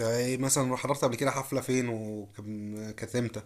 يعني مثلا راح حضرت قبل كده حفلة فين، وكان كانت امتى؟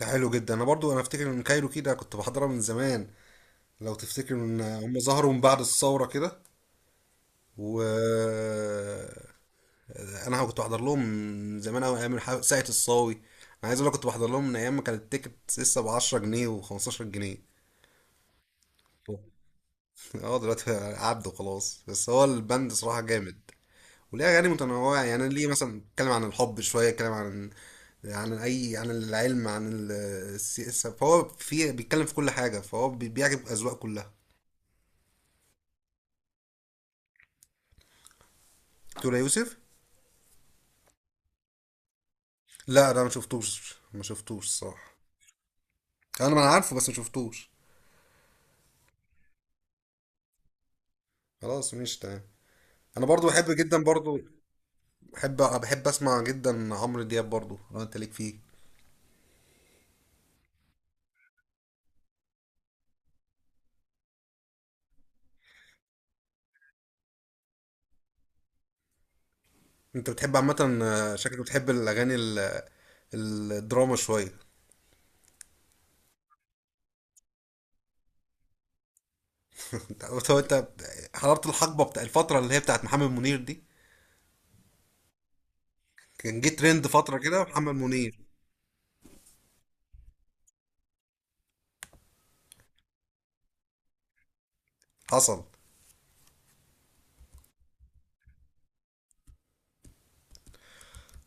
ده حلو جدا. انا برضو افتكر ان كايرو كده كنت بحضرها من زمان. لو تفتكر ان هم ظهروا من بعد الثورة كده. و انا كنت بحضر لهم من زمان قوي، ايام ساقية الصاوي. انا عايز اقول لك كنت بحضر لهم من ايام ما كانت التيكت لسه ب 10 جنيه و15 جنيه. اه دلوقتي عدوا خلاص. بس هو البند صراحة جامد، وليه اغاني متنوعه. يعني انا ليه مثلا اتكلم عن الحب شويه، اتكلم عن عن اي عن العلم، عن السياسه. فهو في بيتكلم في كل حاجه، فهو بيعجب اذواق كلها. دكتور يوسف. لا ده ما شفتوش، ما شفتوش الصراحه. انا ما انا عارفه بس ما شفتوش. خلاص ماشي تمام. انا برضو بحب جدا برضو. بحب، بحب اسمع جدا عمرو دياب برضو لو انت ليك فيه. انت بتحب عامه، شكلك بتحب الاغاني الدراما شويه. انت أنت أنت حضرت الحقبه بتاع الفتره اللي هي بتاعت محمد منير دي. كان جه ترند فترة كده محمد منير. حصل.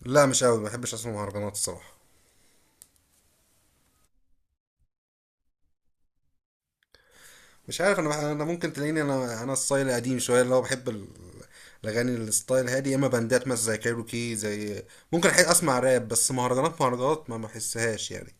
لا مش قوي، ما بحبش اسمع مهرجانات الصراحة. مش عارف، انا انا ممكن تلاقيني انا ستايل قديم شوية، اللي هو بحب الاغاني الستايل هادي، يا اما باندات مثلا زي كايروكي زي. ممكن احب اسمع راب، بس مهرجانات، مهرجانات ما بحسهاش يعني.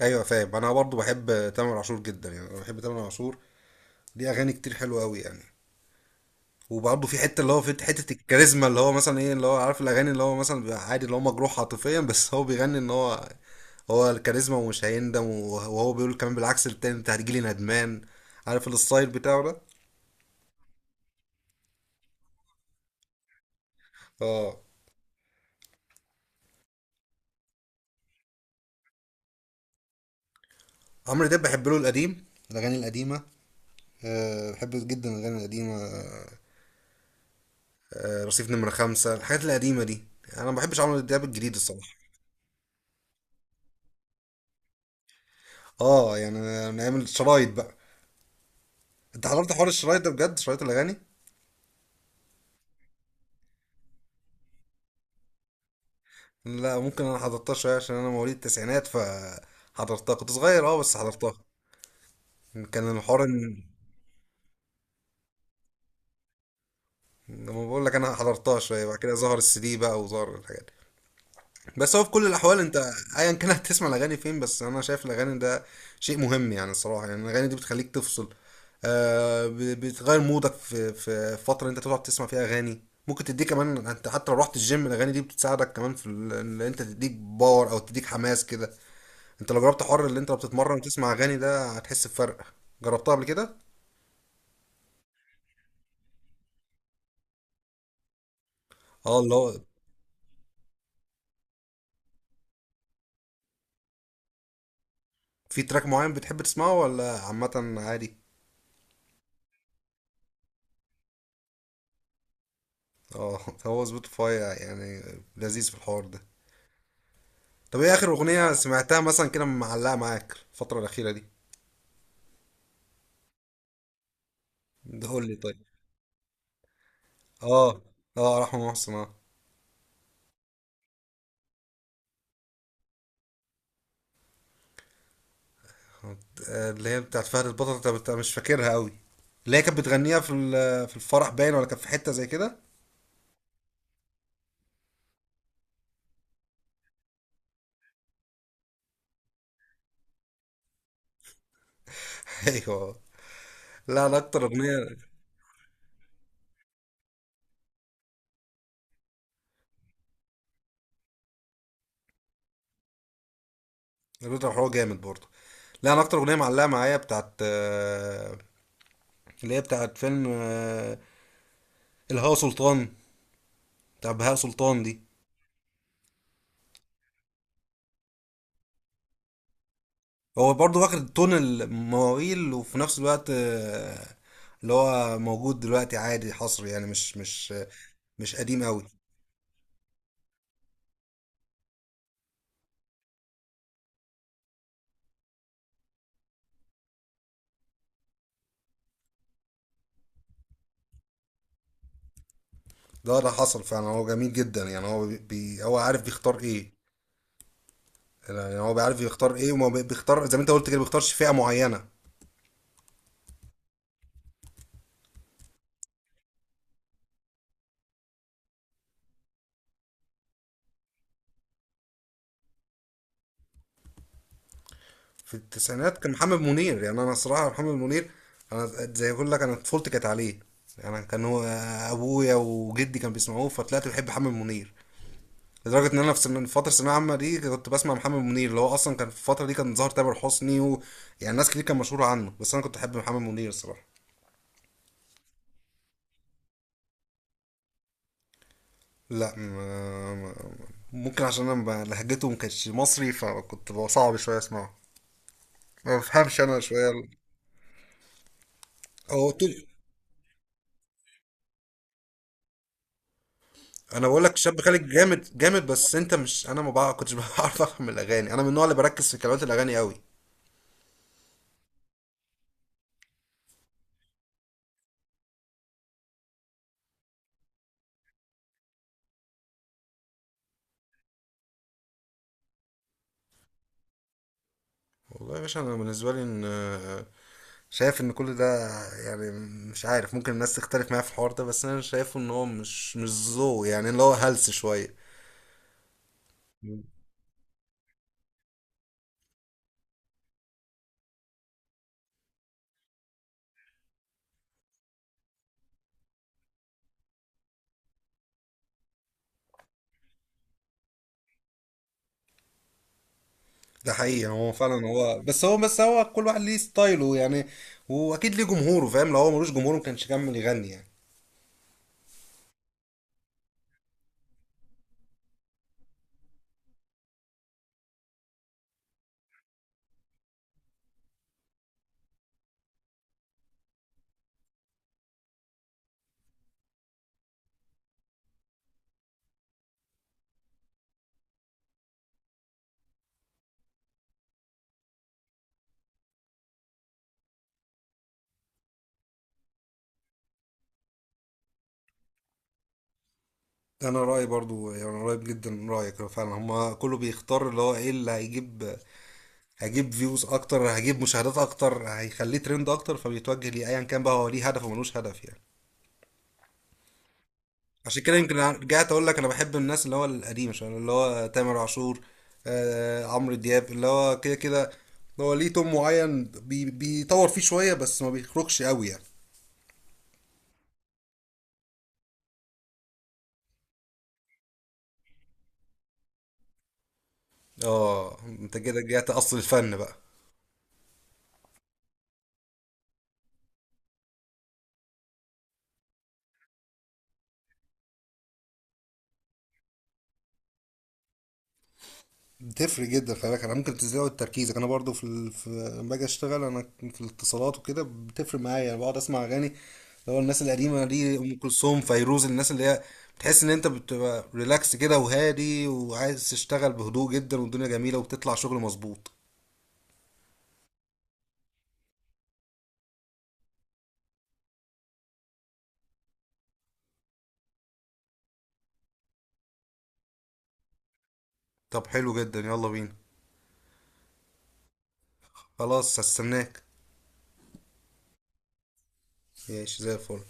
ايوه فاهم. انا برضو بحب تامر عاشور جدا. يعني انا بحب تامر عاشور، ليه اغاني كتير حلوه قوي يعني. وبرضه في حته، الكاريزما، اللي هو مثلا ايه، اللي هو عارف الاغاني اللي هو مثلا بيبقى عادي، اللي هو مجروح عاطفيا بس هو بيغني ان هو الكاريزما ومش هيندم، وهو بيقول كمان بالعكس التاني انت هتجيلي ندمان. عارف الستايل بتاعه ده. اه. عمرو دياب بحب له القديم، الاغاني القديمه. أه بحب جدا الاغاني القديمه. أه رصيف نمره خمسة، الحاجات القديمه دي. انا ما بحبش عمرو دياب الجديد الصراحه. اه يعني. من ايام الشرايط بقى. انت حضرت حوار الشرايط ده بجد، شرايط الاغاني. لا ممكن، انا حضرتها شويه عشان انا مواليد التسعينات، ف حضرتها كنت صغير، اه بس حضرتها. كان الحوار ان لما بقول لك انا حضرتها شويه، بعد كده ظهر السي دي بقى وظهر الحاجات. بس هو في كل الاحوال انت ايا كان هتسمع الاغاني فين. بس انا شايف الاغاني ده شيء مهم يعني، الصراحه يعني الاغاني دي بتخليك تفصل. آه، بتغير مودك في، فتره انت تقعد تسمع فيها اغاني ممكن تديك كمان. انت حتى لو رحت الجيم، الاغاني دي بتساعدك كمان في ان انت تديك باور او تديك حماس كده. انت لو جربت حر اللي انت بتتمرن وتسمع اغاني ده هتحس بفرق. جربتها قبل كده. اه اللي هو. في تراك معين بتحب تسمعه ولا عامه عادي؟ اه هو سبوتيفاي يعني لذيذ في الحوار ده. طب ايه اخر اغنية سمعتها مثلا كده معلقة معاك الفترة الأخيرة دي؟ ده قول لي طيب. اه. اه رحمة محسن اه. اللي هي بتاعت فهد البطل. انت مش فاكرها قوي؟ اللي هي كانت بتغنيها في في الفرح، باين، ولا كانت في حتة زي كده. ايوه. لا انا اكتر اغنية. الراجل هو جامد برضه. لا انا اكتر اغنية معلقة معايا بتاعت، اللي هي بتاعت فيلم، الهوا سلطان، بتاع بهاء سلطان دي. هو برضه واخد تون المواويل، وفي نفس الوقت اللي هو موجود دلوقتي عادي حصري، يعني مش قديم قوي. ده حصل فعلا. هو جميل جدا يعني. هو هو عارف بيختار ايه. يعني هو بيعرف يختار ايه، بيختار زي ما انت قلت كده، بيختارش فئة معينة. في التسعينات كان محمد منير. يعني انا صراحة محمد منير، انا زي ما اقول لك انا طفولتي كانت عليه. يعني كان هو ابويا وجدي كان بيسمعوه، فطلعت بحب محمد منير. لدرجه ان انا في من فتره الثانويه العامه دي كنت بسمع محمد منير، اللي هو اصلا كان في الفتره دي كان ظاهر تامر حسني، و... يعني ناس كتير كان مشهوره عنه، بس انا كنت احب محمد منير الصراحه. لا ما... ما... ممكن عشان انا لهجته ما كانتش مصري، فكنت بقى صعب شويه اسمعه. ما بفهمش انا شويه هو طول. انا بقول لك شاب خالد جامد جامد، بس انت مش، انا ما بقى كنتش بعرف افهم الاغاني. انا من النوع اللي بركز في كلمات الاغاني قوي. والله يا باشا انا بالنسبه لي ان شايف ان كل ده يعني. مش عارف، ممكن الناس تختلف معايا في الحوار ده، بس انا شايفه ان هو مش ذوق يعني، اللي هو هلس شويه. ده حقيقي. هو فعلا هو بس، هو بس، هو كل واحد ليه ستايله يعني، واكيد ليه جمهوره. فاهم؟ لو هو ملوش جمهور ما كانش كمل يغني يعني. انا رايي برضو يعني قريب جدا من رايك. هو فعلا هما كله بيختار اللي هو ايه اللي هيجيب. هيجيب فيوز اكتر، هيجيب مشاهدات اكتر، هيخليه ترند اكتر، فبيتوجه ليه، ايا كان بقى هو ليه هدف وملوش هدف يعني. عشان كده يمكن رجعت اقول لك انا بحب الناس اللي هو القديمه شويه، اللي هو تامر عاشور، آه عمرو دياب، اللي هو كده كده هو ليه توم معين بيطور فيه شويه، بس ما بيخرجش قوي يعني. اه انت كده رجعت اصل الفن بقى. بتفرق جدا، خلي بالك انا ممكن تزود تركيزك. انا برضو في في لما باجي اشتغل انا في الاتصالات وكده بتفرق معايا. انا بقعد اسمع اغاني، اللي هو الناس القديمه دي، ام كلثوم، فيروز، الناس اللي هي بتحس ان انت بتبقى ريلاكس كده وهادي، وعايز تشتغل بهدوء جدا، والدنيا جميله وبتطلع شغل مظبوط. طب حلو جدا، يلا بينا. خلاص هستناك. ماشي زي الفل.